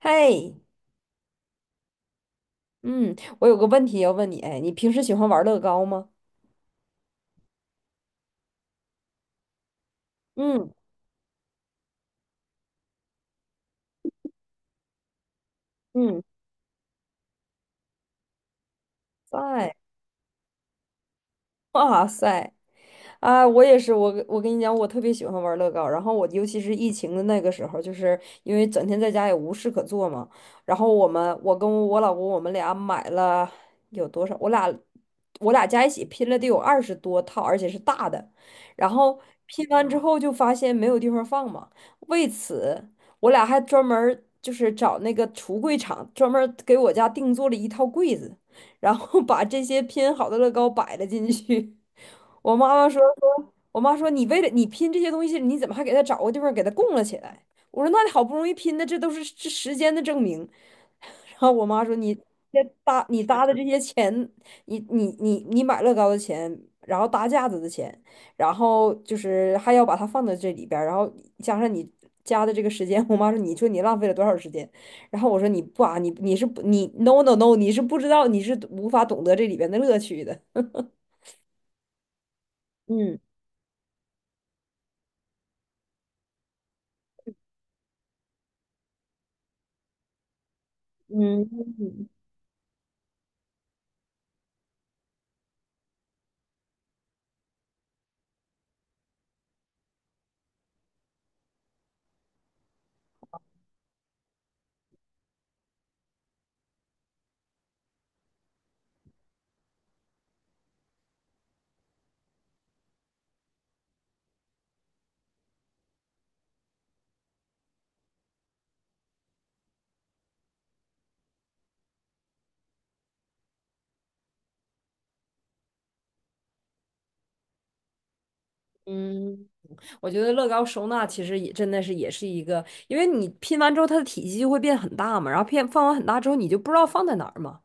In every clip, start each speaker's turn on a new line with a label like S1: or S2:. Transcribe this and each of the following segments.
S1: 嘿，嗯，我有个问题要问你，哎，你平时喜欢玩乐高吗？嗯嗯，在，哇塞，啊，我也是，我跟你讲，我特别喜欢玩乐高。然后我尤其是疫情的那个时候，就是因为整天在家也无事可做嘛。然后我们，我跟我老公，我们俩买了有多少？我俩加一起拼了得有二十多套，而且是大的。然后拼完之后就发现没有地方放嘛，为此我俩还专门儿就是找那个橱柜厂专门儿给我家定做了一套柜子，然后 把这些拼好的乐高摆了进去。我妈妈说。我妈说：“你为了你拼这些东西，你怎么还给他找个地方给他供了起来？”我说：“那你好不容易拼的，这都是这时间的证明。然后我妈说：“你这搭你搭的这些钱，你买乐高的钱，然后搭架子的钱，然后就是还要把它放到这里边儿，然后加上你加的这个时间，我妈说你说你浪费了多少时间？然后我说你不啊，你是不 no no no，你是不知道，你是无法懂得这里边的乐趣的。嗯嗯嗯。嗯我觉得乐高收纳其实也真的是也是一个，因为你拼完之后它的体积就会变很大嘛，然后变放完很大之后你就不知道放在哪儿嘛。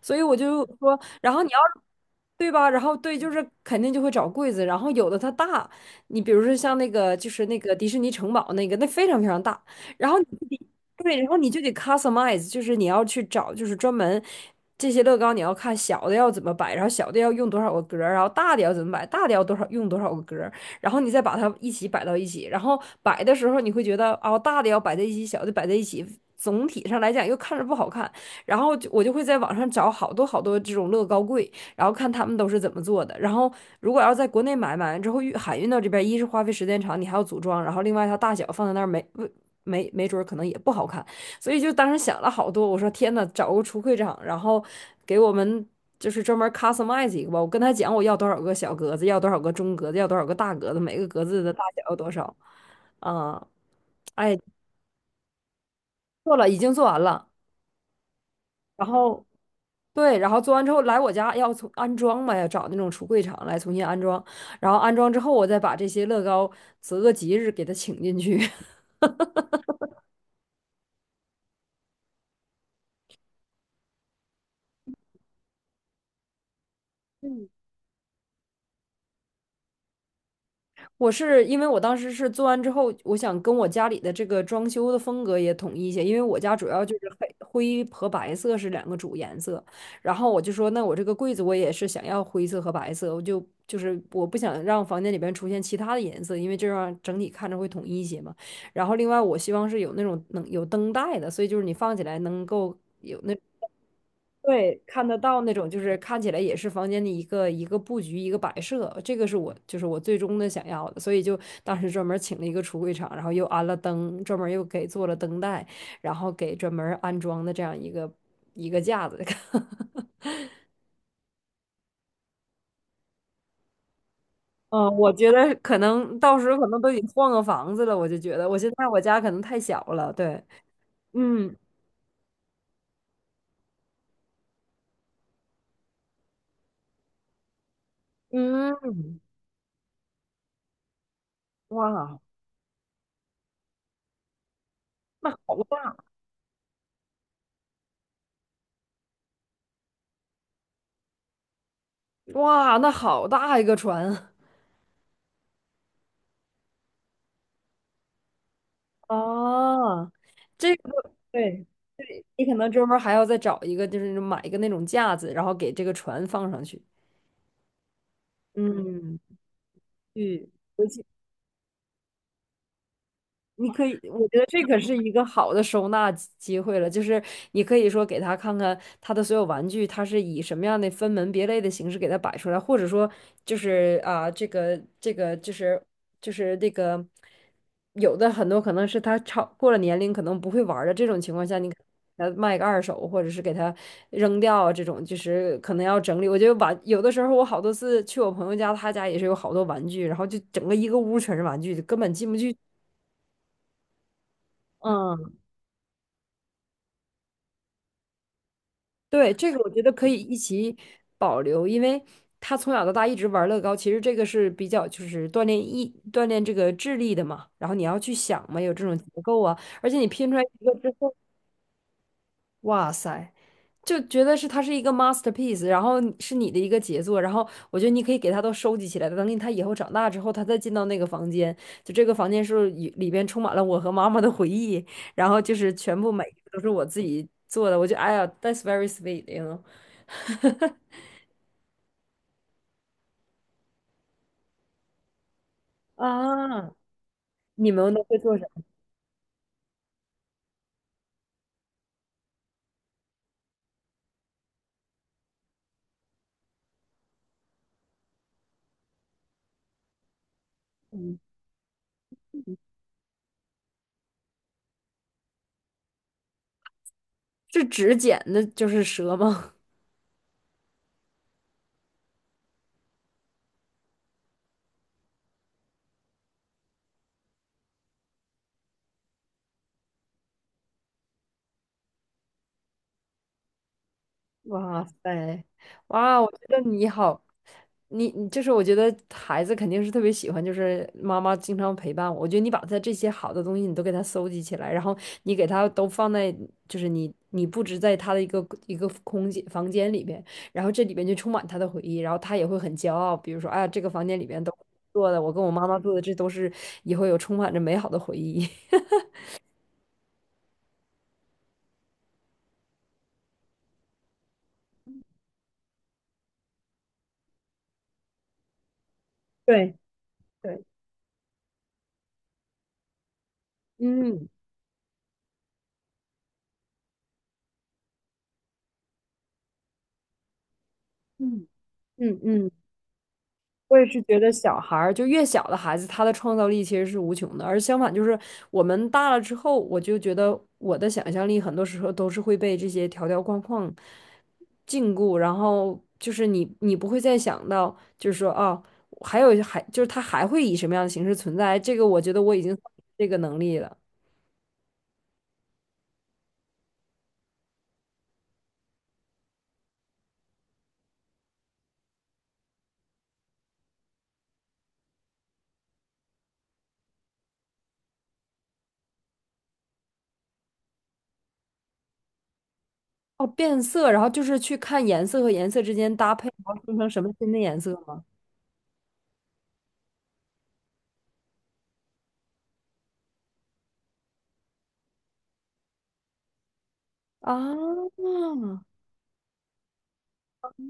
S1: 所以我就说，然后你要是对吧？然后对，就是肯定就会找柜子，然后有的它大，你比如说像那个就是那个迪士尼城堡那个，那非常非常大，然后你就得对，然后你就得 customize，就是你要去找，就是专门这些乐高你要看小的要怎么摆，然后小的要用多少个格儿然后大的要怎么摆，大的要多少用多少个格儿然后你再把它一起摆到一起，然后摆的时候你会觉得哦，大的要摆在一起，小的摆在一起，总体上来讲又看着不好看。然后就我就会在网上找好多好多这种乐高柜，然后看他们都是怎么做的。然后如果要在国内买，买完之后运海运到这边，一是花费时间长，你还要组装，然后另外它大小放在那儿没没准儿可能也不好看，所以就当时想了好多。我说天呐，找个橱柜厂，然后给我们就是专门 customize 一个吧。我跟他讲我要多少个小格子，要多少个中格子，要多少个大格子，每个格子的大小要多少。啊、哎，做了，已经做完了。然后对，然后做完之后来我家要从安装嘛，要找那种橱柜厂来重新安装，然后安装之后我再把这些乐高择个吉日给他请进去。我是因为我当时是做完之后，我想跟我家里的这个装修的风格也统一一些，因为我家主要就是黑灰和白色是两个主颜色，然后我就说，那我这个柜子我也是想要灰色和白色，就是我不想让房间里边出现其他的颜色，因为这样整体看着会统一一些嘛。然后另外我希望是有那种能有灯带的，所以就是你放起来能够。有对，看得到那种，就是看起来也是房间的一个一个布局、一个摆设，这个是我就是我最终的想要的，所以就当时专门请了一个橱柜厂，然后又安了灯，专门又给做了灯带，然后给专门安装的这样一个架子。嗯，我觉得可能到时候可能都得换个房子了，我就觉得我现在我家可能太小了，对，嗯嗯，哇，那好大，哇，那好大一个船啊，这个对。你可能专门还要再找一个，就是买一个那种架子，然后给这个船放上去。嗯，嗯，尤其你可以，我觉得这可是一个好的收纳会了，就是你可以说给他看看他的所有玩具，他是以什么样的分门别类的形式给他摆出来，或者说就是啊，这个就是就是那个有的很多可能是他超过了年龄，可能不会玩儿的这种情况下，你给他卖个二手，或者是给他扔掉啊，这种就是可能要整理。我觉得玩有的时候我好多次去我朋友家，他家也是有好多玩具，然后就整个一个屋全是玩具，就根本进不去。嗯。对，这个我觉得可以一起保留，因为他从小到大一直玩乐高，其实这个是比较就是锻炼这个智力的嘛。然后你要去想嘛，有这种结构啊，而且你拼出来一个之后，哇塞，就觉得是它是一个 masterpiece，然后你是你的一个杰作。然后我觉得你可以给它都收集起来，等他以后长大之后，他再进到那个房间，就这个房间是里边充满了我和妈妈的回忆，然后就是全部每一个都是我自己做的。我就得哎呀，that's very s w e e t y n o 啊，你们都会做什么？是指剪的，就是蛇吗？哇塞，哇，我觉得你好，你你就是我觉得孩子肯定是特别喜欢，就是妈妈经常陪伴我。我觉得你把他这些好的东西你都给他搜集起来，然后你给他都放在，就是你你布置在他的一个一个空间房间里边，然后这里边就充满他的回忆，然后他也会很骄傲。比如说，哎呀，这个房间里边都做的，我跟我妈妈做的，这都是以后有充满着美好的回忆。对。对嗯嗯嗯嗯，我也是觉得小孩儿就越小的孩子，他的创造力其实是无穷的，而相反就是我们大了之后，我就觉得我的想象力很多时候都是会被这些条条框框禁锢，然后就是你你不会再想到，就是说哦，还就是它还会以什么样的形式存在，这个我觉得我已经这个能力了。哦，变色，然后就是去看颜色和颜色之间搭配，然后生成什么新的颜色吗？啊。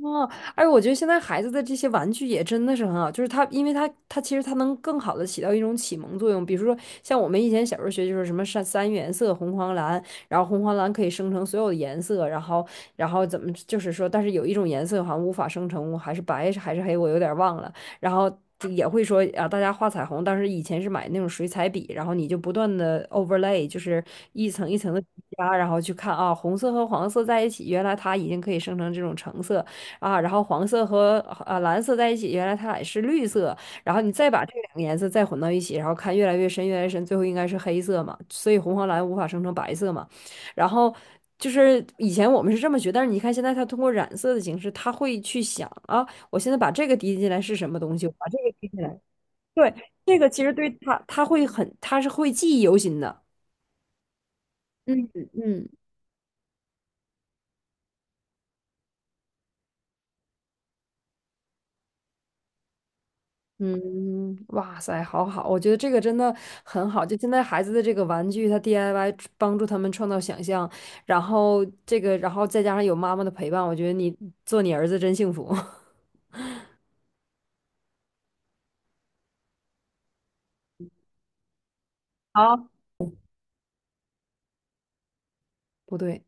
S1: 哦，而我觉得现在孩子的这些玩具也真的是很好，就是他，因为他，他其实他能更好的起到一种启蒙作用。比如说，像我们以前小时候学就是什么三原色红黄蓝，然后红黄蓝可以生成所有的颜色，然后然后怎么就是说，但是有一种颜色好像无法生成，还是白还是黑，我有点忘了。然后就也会说啊，大家画彩虹，当时以前是买那种水彩笔，然后你就不断的 overlay，就是一层一层的加，然后去看啊，红色和黄色在一起，原来它已经可以生成这种橙色。啊，然后黄色和蓝色在一起，原来它俩是绿色，然后你再把这两个颜色再混到一起，然后看越来越深，越来越深，最后应该是黑色嘛，所以红黄蓝无法生成白色嘛。然后就是以前我们是这么学，但是你看现在它通过染色的形式，它会去想啊，我现在把这个滴进来是什么东西，我把这个滴进来，对，这个其实对它，它会很，它是会记忆犹新的。嗯嗯。嗯，哇塞，好好，我觉得这个真的很好。就现在孩子的这个玩具，他 DIY 帮助他们创造想象，然后这个，然后再加上有妈妈的陪伴，我觉得你做你儿子真幸福。好，不对，